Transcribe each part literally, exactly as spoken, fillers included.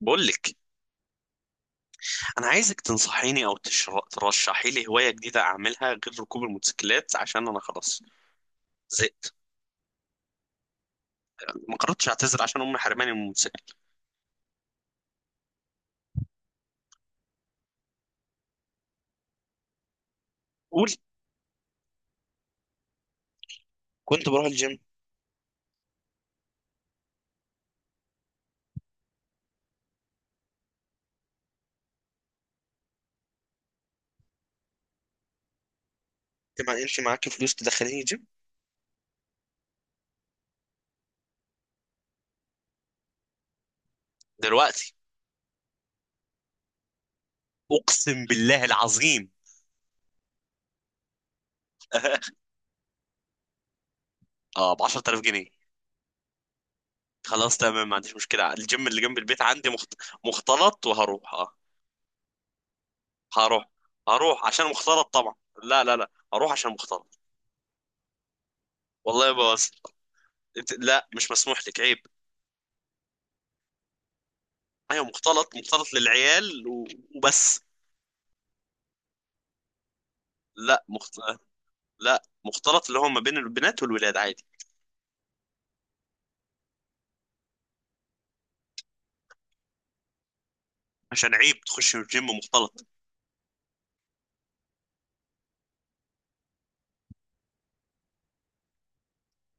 بقول لك. انا عايزك تنصحيني او تشر- ترشحي لي هوايه جديده اعملها غير ركوب الموتوسيكلات عشان انا خلاص زهقت. ما قررتش اعتذر عشان امي حرماني من الموتوسيكل. قول. كنت بروح الجيم. انت ما كانش معاك فلوس تدخليني جيم؟ دلوقتي؟ اقسم بالله العظيم. اه، ب عشر تلاف جنيه. خلاص، تمام، ما عنديش مشكله. الجيم اللي جنب البيت عندي مخت... مختلط، وهروح، اه. هروح. هروح عشان مختلط طبعا. لا لا لا، هروح عشان مختلط. والله يا بس. لا مش مسموح لك، عيب. ايوه، مختلط، مختلط للعيال و- وبس. لا مخت... لا مختلط، اللي هو ما بين البنات والولاد عادي. عشان عيب تخش الجيم مختلط.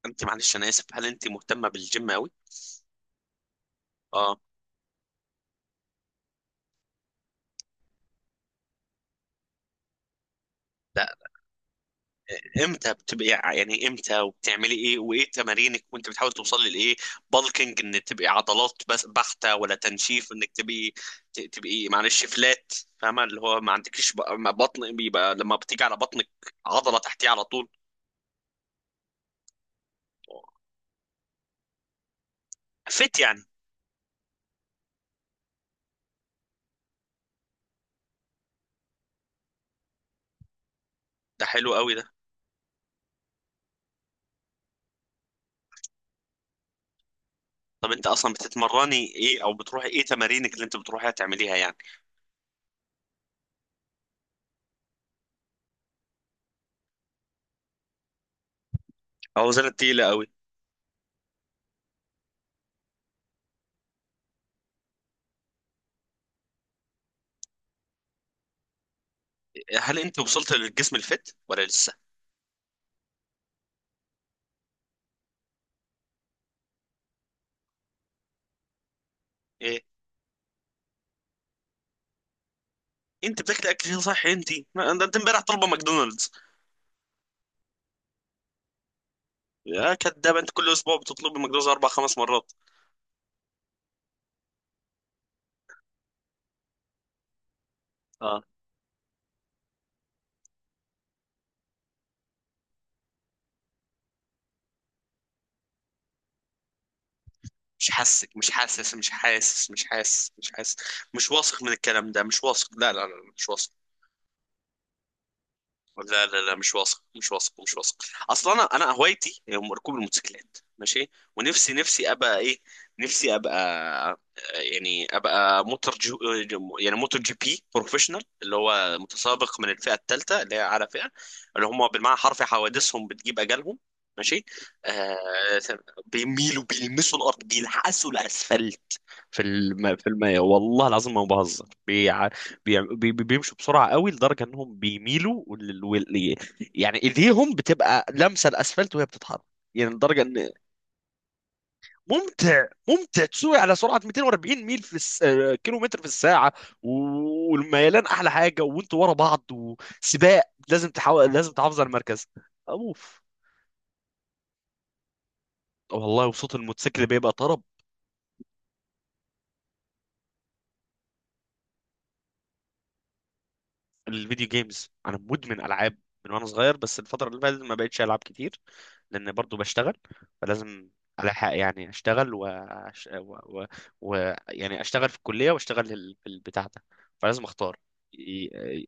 انت معلش، انا اسف، هل انت مهتمه بالجيم قوي؟ اه. لا. امتى بتبقي ع- يعني امتى، وبتعملي ايه، وايه تمارينك، وانت بتحاول توصلي لايه؟ بالكينج ان تبقي عضلات بس بحته، ولا تنشيف انك تبقي ت- تبقي معلش فلات؟ فاهمه اللي هو ما عندكيش بق- ما بطن، بيبقى لما بتيجي على بطنك عضله تحتيه على طول، فت يعني. ده حلو قوي ده. طب انت اصلا بتتمرني ايه، او بتروحي ايه تمارينك اللي انت بتروحيها تعمليها يعني؟ اوزان تقيله قوي؟ هل انت وصلت للجسم الفت ولا لسه؟ ايه؟ انت بتاكل اكل صحي انت؟ ما- انت امبارح طالبه ماكدونالدز. يا كدابه انت، كل اسبوع بتطلبي ماكدونالدز اربع خمس مرات. اه. مش حاسك، مش حاسس، مش حاسس، مش حاسس، مش حاسس. مش واثق من الكلام ده، مش واثق، لا لا لا، مش واثق. لا لا لا، مش واثق، مش واثق، مش واثق. اصلا انا انا هوايتي هي ركوب الموتوسيكلات، ماشي. ونفسي، نفسي ابقى ايه؟ نفسي ابقى، يعني ابقى موتور جو، يعني موتور جي بي بروفيشنال، اللي هو متسابق من الفئه الثالثه، اللي هي اعلى فئه. اللي هم بالمعنى الحرفي حوادثهم بتجيب اجالهم، ماشي، آه. بيميلوا، بيلمسوا الارض، بيلحسوا الاسفلت. في الم... في المية والله العظيم ما بهزر، بيع... بيع... بي... بي- بيمشوا بسرعة قوي لدرجة انهم بيميلوا، وال... وال... يعني ايديهم بتبقى لامسة الاسفلت وهي بتتحرك، يعني لدرجة ان ممتع. ممتع تسوق على سرعة مئتين وأربعين ميل في الس... آه، كيلو متر في الساعة. و- والميلان احلى حاجة، وانتوا ورا بعض وسباق، لازم تحاول، لازم تحافظ على المركز. اوف. والله وصوت الموتوسيكل بيبقى طرب. الفيديو جيمز، انا مدمن العاب من وانا صغير، بس الفتره اللي فاتت ما بقتش العب كتير لان برضو بشتغل، فلازم الحق يعني اشتغل و... وأش- و... و... و... يعني اشتغل في الكليه واشتغل ال- في البتاع ده، فلازم اختار. ي-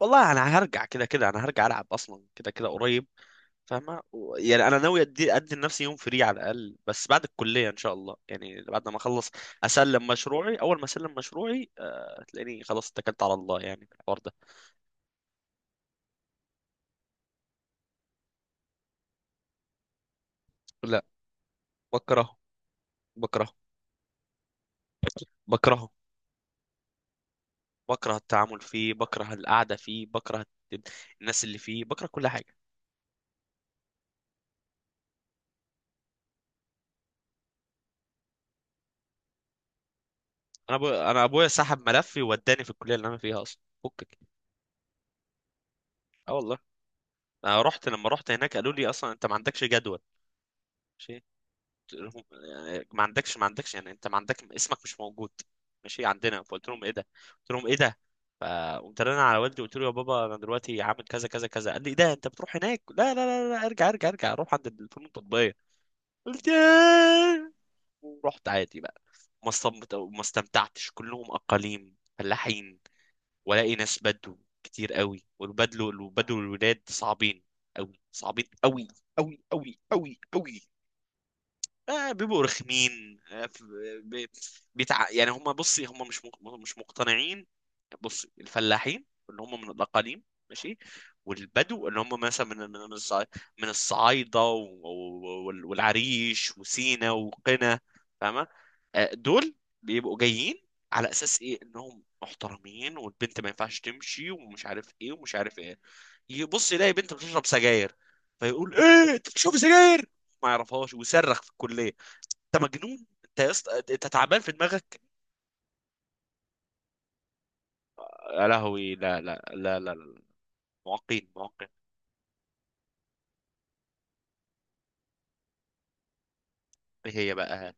والله انا هرجع كده كده، انا هرجع العب اصلا كده كده قريب. فاهمه، و- يعني انا ناوي ادي ادي لنفسي يوم فري على الاقل، بس بعد الكليه ان شاء الله، يعني بعد ما اخلص اسلم مشروعي. اول ما اسلم مشروعي، آه، تلاقيني خلاص اتكلت على الله يعني في الحوار ده. لا. بكره، بكره، بكره، بكره التعامل فيه، بكره القعده فيه، بكره الت- الناس اللي فيه، بكره كل حاجه. انا أبو... انا ابويا سحب ملفي ووداني في الكليه اللي انا فيها اصلا، فكك. اه والله. انا رحت لما رحت هناك قالوا لي اصلا انت ما عندكش جدول، ماشي. قلت لهم، يعني ما عندكش ما عندكش، يعني انت ما عندك، اسمك مش موجود ماشي عندنا. فقلت لهم ايه ده؟ قلت لهم ايه ده؟ فقمت رن على والدي، قلت له يا بابا انا دلوقتي عامل كذا كذا كذا. قال لي ايه ده، انت بتروح هناك؟ لا لا لا لا، ارجع ارجع ارجع، روح عند الفنون التطبيقيه. قلت ياه. ورحت عادي بقى. ما استمت- ما استمتعتش، كلهم أقاليم فلاحين، ولاقي ناس بدو كتير قوي. والبدو، البدو، الولاد صعبين قوي، صعبين قوي، قوي قوي قوي قوي. آه بيبقوا رخمين. آه ف- بي- بيتع... يعني هم، بصي، هم مش مق- مش مقتنعين. بصي، الفلاحين اللي هم من الاقاليم، ماشي، والبدو اللي هم مثلا من من من الصع- من الصعايده و- و- وال- والعريش وسينا وقنا، فاهمه؟ آه، دول بيبقوا جايين على اساس ايه انهم محترمين، والبنت ما ينفعش تمشي، ومش عارف ايه ومش عارف ايه، يبص يلاقي بنت بتشرب سجاير، فيقول ايه انت بتشرب سجاير، ما يعرفهاش، ويصرخ في الكليه، انت مجنون انت يا اسطى، انت تعبان في دماغك. يا لهوي. لا لا لا لا, لا. معاقين، معاقين. ايه هي بقى؟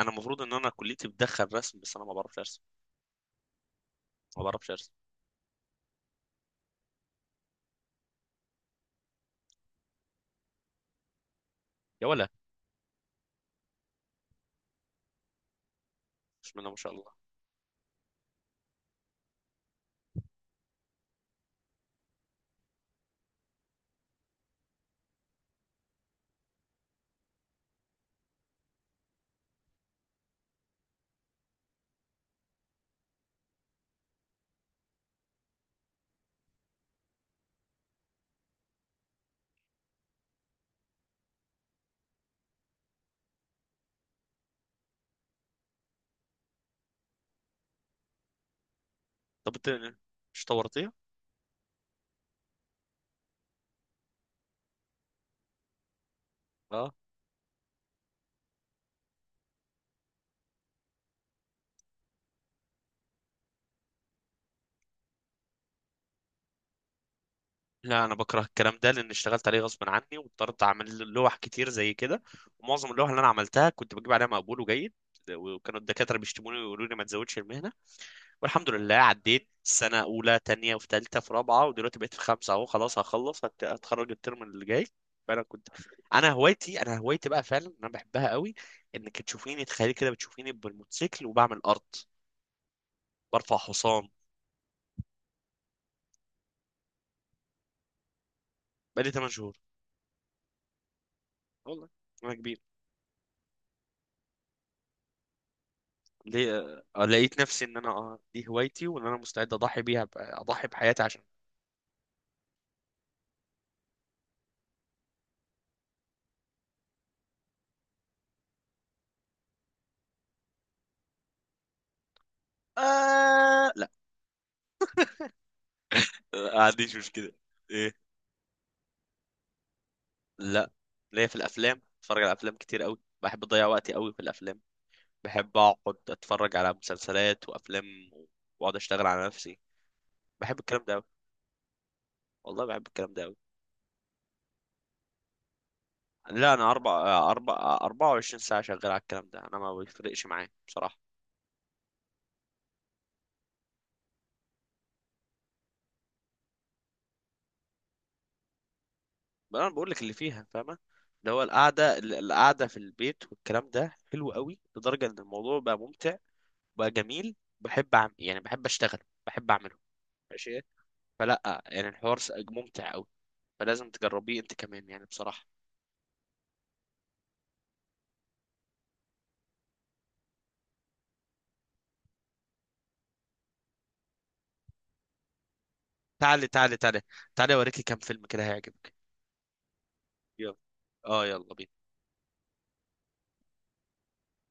انا المفروض ان انا كليتي بتدخل رسم، بس انا ما بعرفش ارسم، ما بعرفش ارسم. يا ولا، بسم الله ما شاء الله. طب انت مش طورتيها؟ اه، لا. انا بكره الكلام ده لان اشتغلت عليه غصب عني، واضطريت اعمل لوح كتير زي كده، ومعظم اللوح اللي انا عملتها كنت بجيب عليها مقبول وجيد، وكانوا الدكاتره بيشتموني ويقولوا لي ما تزودش المهنه. والحمد لله، عديت سنة أولى، تانية، وفي تالتة، في رابعة، ودلوقتي بقيت في خمسة أهو، خلاص هخلص، هت- هتخرج الترم اللي جاي. فأنا كنت، أنا هوايتي أنا هوايتي بقى فعلا أنا بحبها قوي، إنك تشوفيني، تخيلي كده بتشوفيني بالموتوسيكل وبعمل أرض، برفع حصان. بقالي تمن شهور والله. أنا كبير. ليه؟ آه، لقيت نفسي إن أنا، آه، دي هوايتي، وإن أنا مستعد أضحي بيها، ب- أضحي بحياتي عشان. آه لا. آه، ما عنديش مشكلة. إيه؟ لا. ليا في الأفلام، بتفرج على أفلام كتير قوي، بحب أضيع وقتي قوي في الأفلام. بحب اقعد اتفرج على مسلسلات وافلام، واقعد اشتغل على نفسي، بحب الكلام ده أوي. والله بحب الكلام ده أوي. لا، انا اربع اربع أربعة وعشرين ساعه شغال على الكلام ده، انا ما بيفرقش معايا بصراحه. بس انا بقول لك اللي فيها، فاهمه، اللي هو القعده، ال- القعده في البيت والكلام ده حلو قوي لدرجه ان الموضوع بقى ممتع، بقى جميل، بحب أعمل، يعني بحب اشتغل، بحب اعمله، ماشي. فلا يعني الحوار س- ممتع قوي، فلازم تجربيه انت كمان يعني بصراحه. تعالي تعالي تعالي، تعالي اوريكي كام فيلم كده هيعجبك. يلا. اه يلا بينا.